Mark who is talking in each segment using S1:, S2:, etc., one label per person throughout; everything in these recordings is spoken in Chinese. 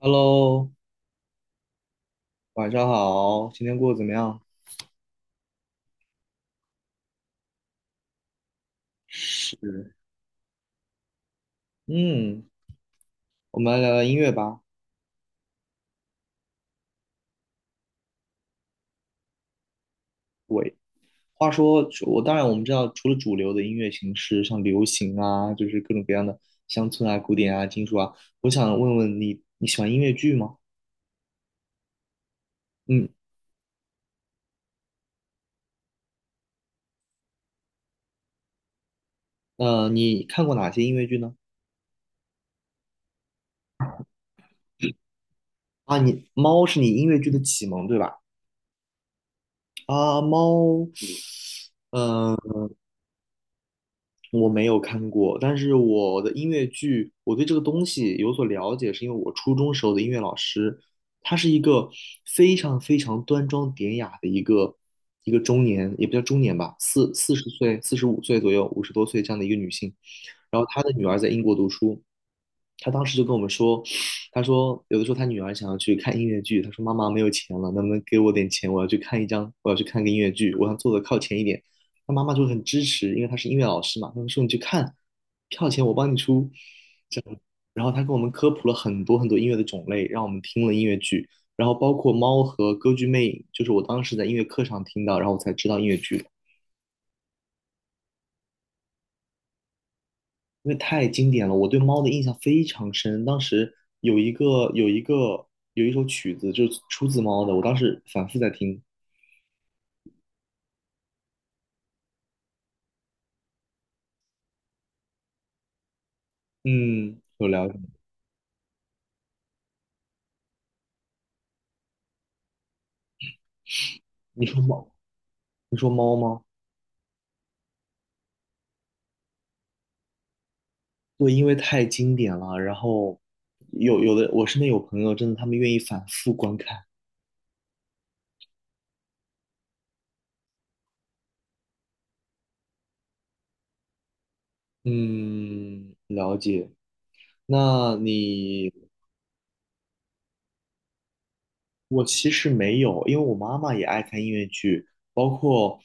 S1: Hello，晚上好，今天过得怎么样？是，嗯，我们来聊聊音乐吧。喂，话说，我当然我们知道，除了主流的音乐形式，像流行啊，就是各种各样的乡村啊、古典啊、金属啊，我想问问你，你喜欢音乐剧吗？嗯，你看过哪些音乐剧呢？啊，你《猫》是你音乐剧的启蒙，对吧？啊，《猫》嗯，我没有看过，但是我的音乐剧，我对这个东西有所了解，是因为我初中时候的音乐老师，她是一个非常非常端庄典雅的一个中年，也不叫中年吧，40岁、45岁左右、50多岁这样的一个女性，然后他的女儿在英国读书，他当时就跟我们说，他说有的时候他女儿想要去看音乐剧，他说妈妈没有钱了，能不能给我点钱？我要去看一张，我要去看个音乐剧，我想坐的靠前一点。他妈妈就很支持，因为他是音乐老师嘛，他们说你去看，票钱我帮你出。然后他给我们科普了很多很多音乐的种类，让我们听了音乐剧，然后包括《猫》和《歌剧魅影》，就是我当时在音乐课上听到，然后我才知道音乐剧的。因为太经典了，我对猫的印象非常深。当时有一个有一个有一首曲子就是出自猫的，我当时反复在听。嗯，有了解。你说猫，你说猫吗？对，因为太经典了。然后有的，我身边有朋友真的他们愿意反复观看。嗯，了解。那你我其实没有，因为我妈妈也爱看音乐剧，包括，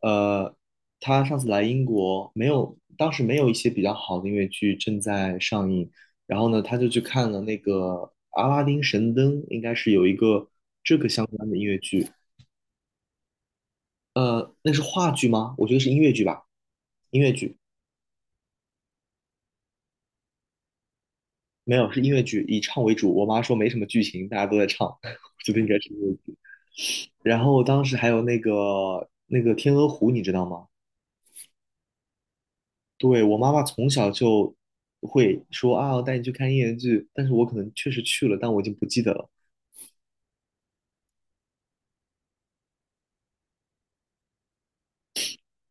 S1: 呃，她上次来英国，没有，当时没有一些比较好的音乐剧正在上映，然后呢，她就去看了那个《阿拉丁神灯》，应该是有一个这个相关的音乐剧，那是话剧吗？我觉得是音乐剧吧，没有，是音乐剧，以唱为主。我妈说没什么剧情，大家都在唱，我觉得应该是音乐剧。然后当时还有那个《天鹅湖》，你知道吗？对，我妈妈从小就会说啊，我带你去看音乐剧，但是我可能确实去了，但我已经不记得了。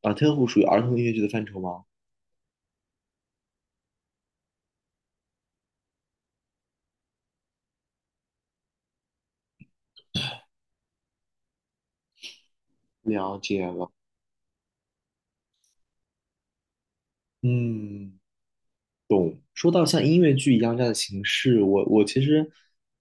S1: 啊，特护属于儿童音乐剧的范畴吗？了解了。嗯。说到像音乐剧一样这样的形式，我其实，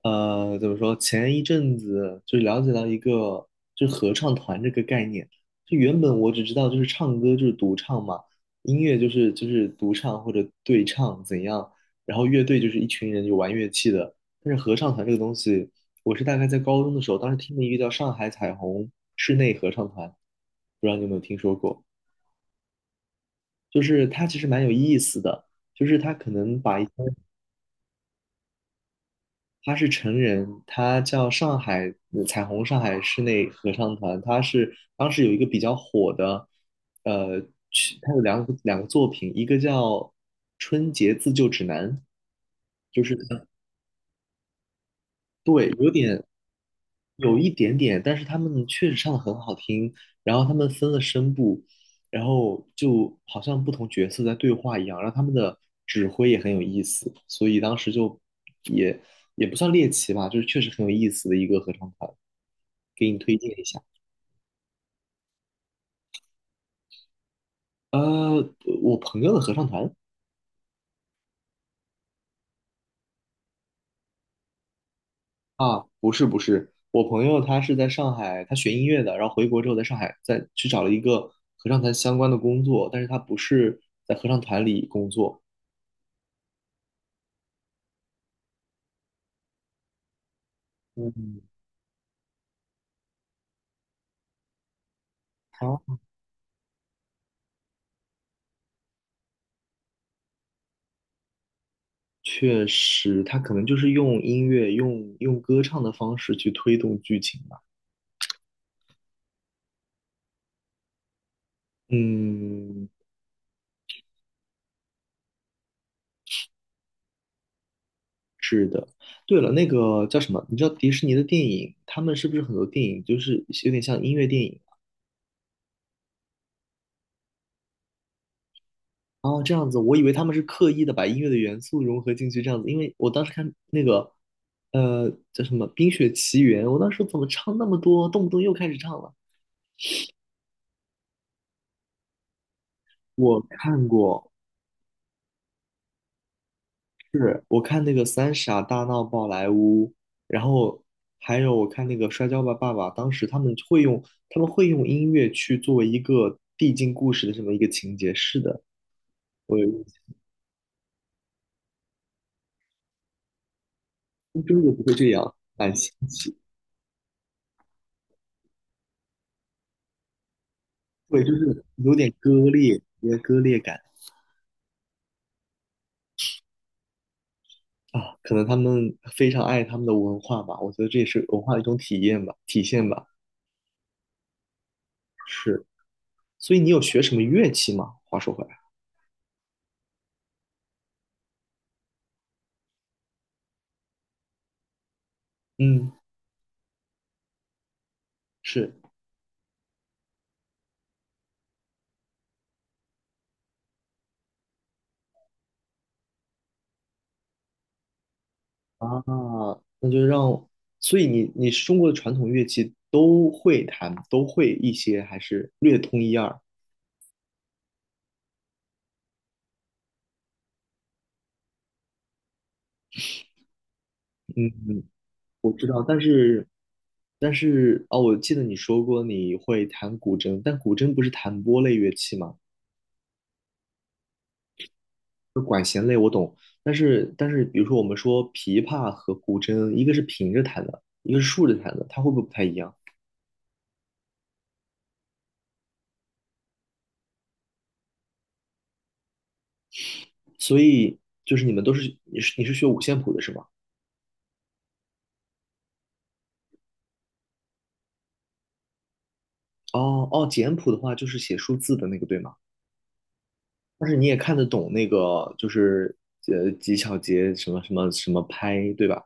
S1: 怎么说？前一阵子就了解到一个，就是合唱团这个概念。就原本我只知道就是唱歌就是独唱嘛，音乐就是独唱或者对唱怎样，然后乐队就是一群人就玩乐器的。但是合唱团这个东西，我是大概在高中的时候，当时听了一个叫上海彩虹室内合唱团，不知道你有没有听说过？就是它其实蛮有意思的。就是他可能把一他是成人，他叫上海彩虹上海室内合唱团，他是当时有一个比较火的，呃，曲他有两个作品，一个叫《春节自救指南》，就是对，有点有一点点，但是他们确实唱的很好听，然后他们分了声部，然后就好像不同角色在对话一样，然后他们的指挥也很有意思，所以当时就也也不算猎奇吧，就是确实很有意思的一个合唱团，给你推荐一下。呃，我朋友的合唱团啊，不是不是，我朋友他是在上海，他学音乐的，然后回国之后在上海再去找了一个合唱团相关的工作，但是他不是在合唱团里工作。嗯，哦，确实，他可能就是用音乐、用歌唱的方式去推动剧情吧。嗯，对了，那个叫什么？你知道迪士尼的电影，他们是不是很多电影就是有点像音乐电影？哦，这样子，我以为他们是刻意的把音乐的元素融合进去，这样子。因为我当时看那个，叫什么《冰雪奇缘》，我当时怎么唱那么多，动不动又开始唱了。我看过，是我看那个《三傻大闹宝莱坞》，然后还有我看那个《摔跤吧，爸爸》，当时他们会用音乐去作为一个递进故事的这么一个情节。是的，我有印象中国不会这样，蛮新奇。对，就是有点割裂，有点割裂感啊。可能他们非常爱他们的文化吧，我觉得这也是文化的一种体现吧。是，所以你有学什么乐器吗？话说回来，嗯，是。啊，那就让，所以你是中国的传统乐器都会弹，都会一些，还是略通一二？嗯，嗯，我知道，但是哦，我记得你说过你会弹古筝，但古筝不是弹拨类乐器吗？懂。但是，比如说我们说琵琶和古筝，一个是平着弹的，一个是竖着弹的，它会不会不太一样？所以就是你们都是你是学五线谱的是吗？哦哦，简谱的话就是写数字的那个对吗？但是你也看得懂那个，就是几小节什么什么什么拍，对吧？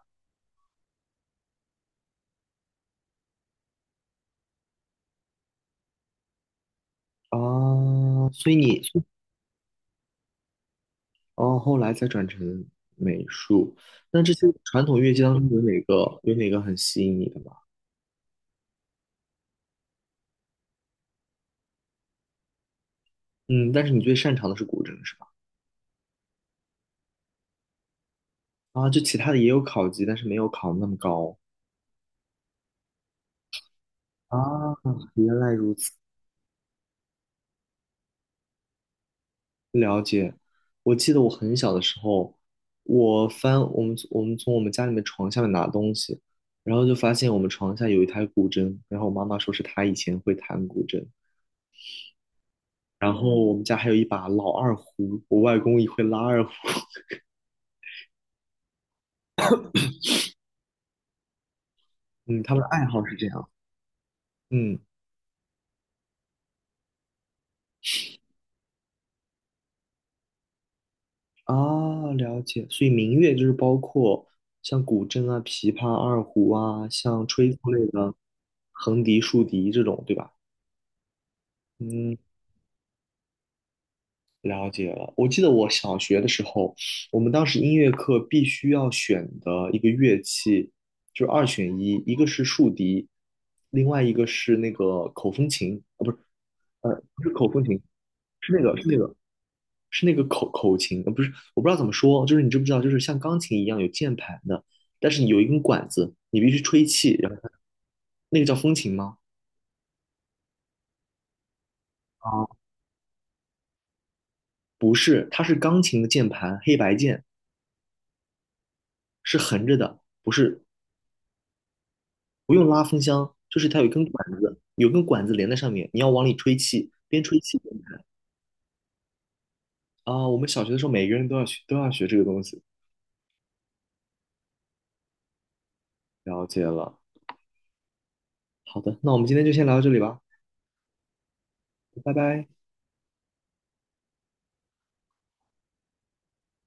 S1: 啊，所以你哦，后来才转成美术。那这些传统乐器当中有哪个很吸引你的吗？嗯，但是你最擅长的是古筝是吧？啊，就其他的也有考级，但是没有考那么高。啊，原来如此。了解，我记得我很小的时候，我翻我们从我们家里面床下面拿东西，然后就发现我们床下有一台古筝，然后我妈妈说是她以前会弹古筝，然后我们家还有一把老二胡，我外公也会拉二胡，嗯，他们的爱好是这样，嗯啊，了解，所以民乐就是包括像古筝啊、琵琶、二胡啊，像吹奏类的横笛、竖笛这种，对吧？嗯，了解了。我记得我小学的时候，我们当时音乐课必须要选的一个乐器，就是二选一，一个是竖笛，另外一个是那个口风琴，啊，不是，不是口风琴，是那个，是那个，是那个口琴，不是，我不知道怎么说，就是你知不知道，就是像钢琴一样有键盘的，但是你有一根管子，你必须吹气，然后它那个叫风琴吗？啊，不是，它是钢琴的键盘，黑白键，是横着的，不是不用拉风箱，就是它有一根管子，有根管子连在上面，你要往里吹气，边吹气边弹。啊，我们小学的时候每个人都要学，这个东西。了解了，好的，那我们今天就先聊到这里吧，拜拜。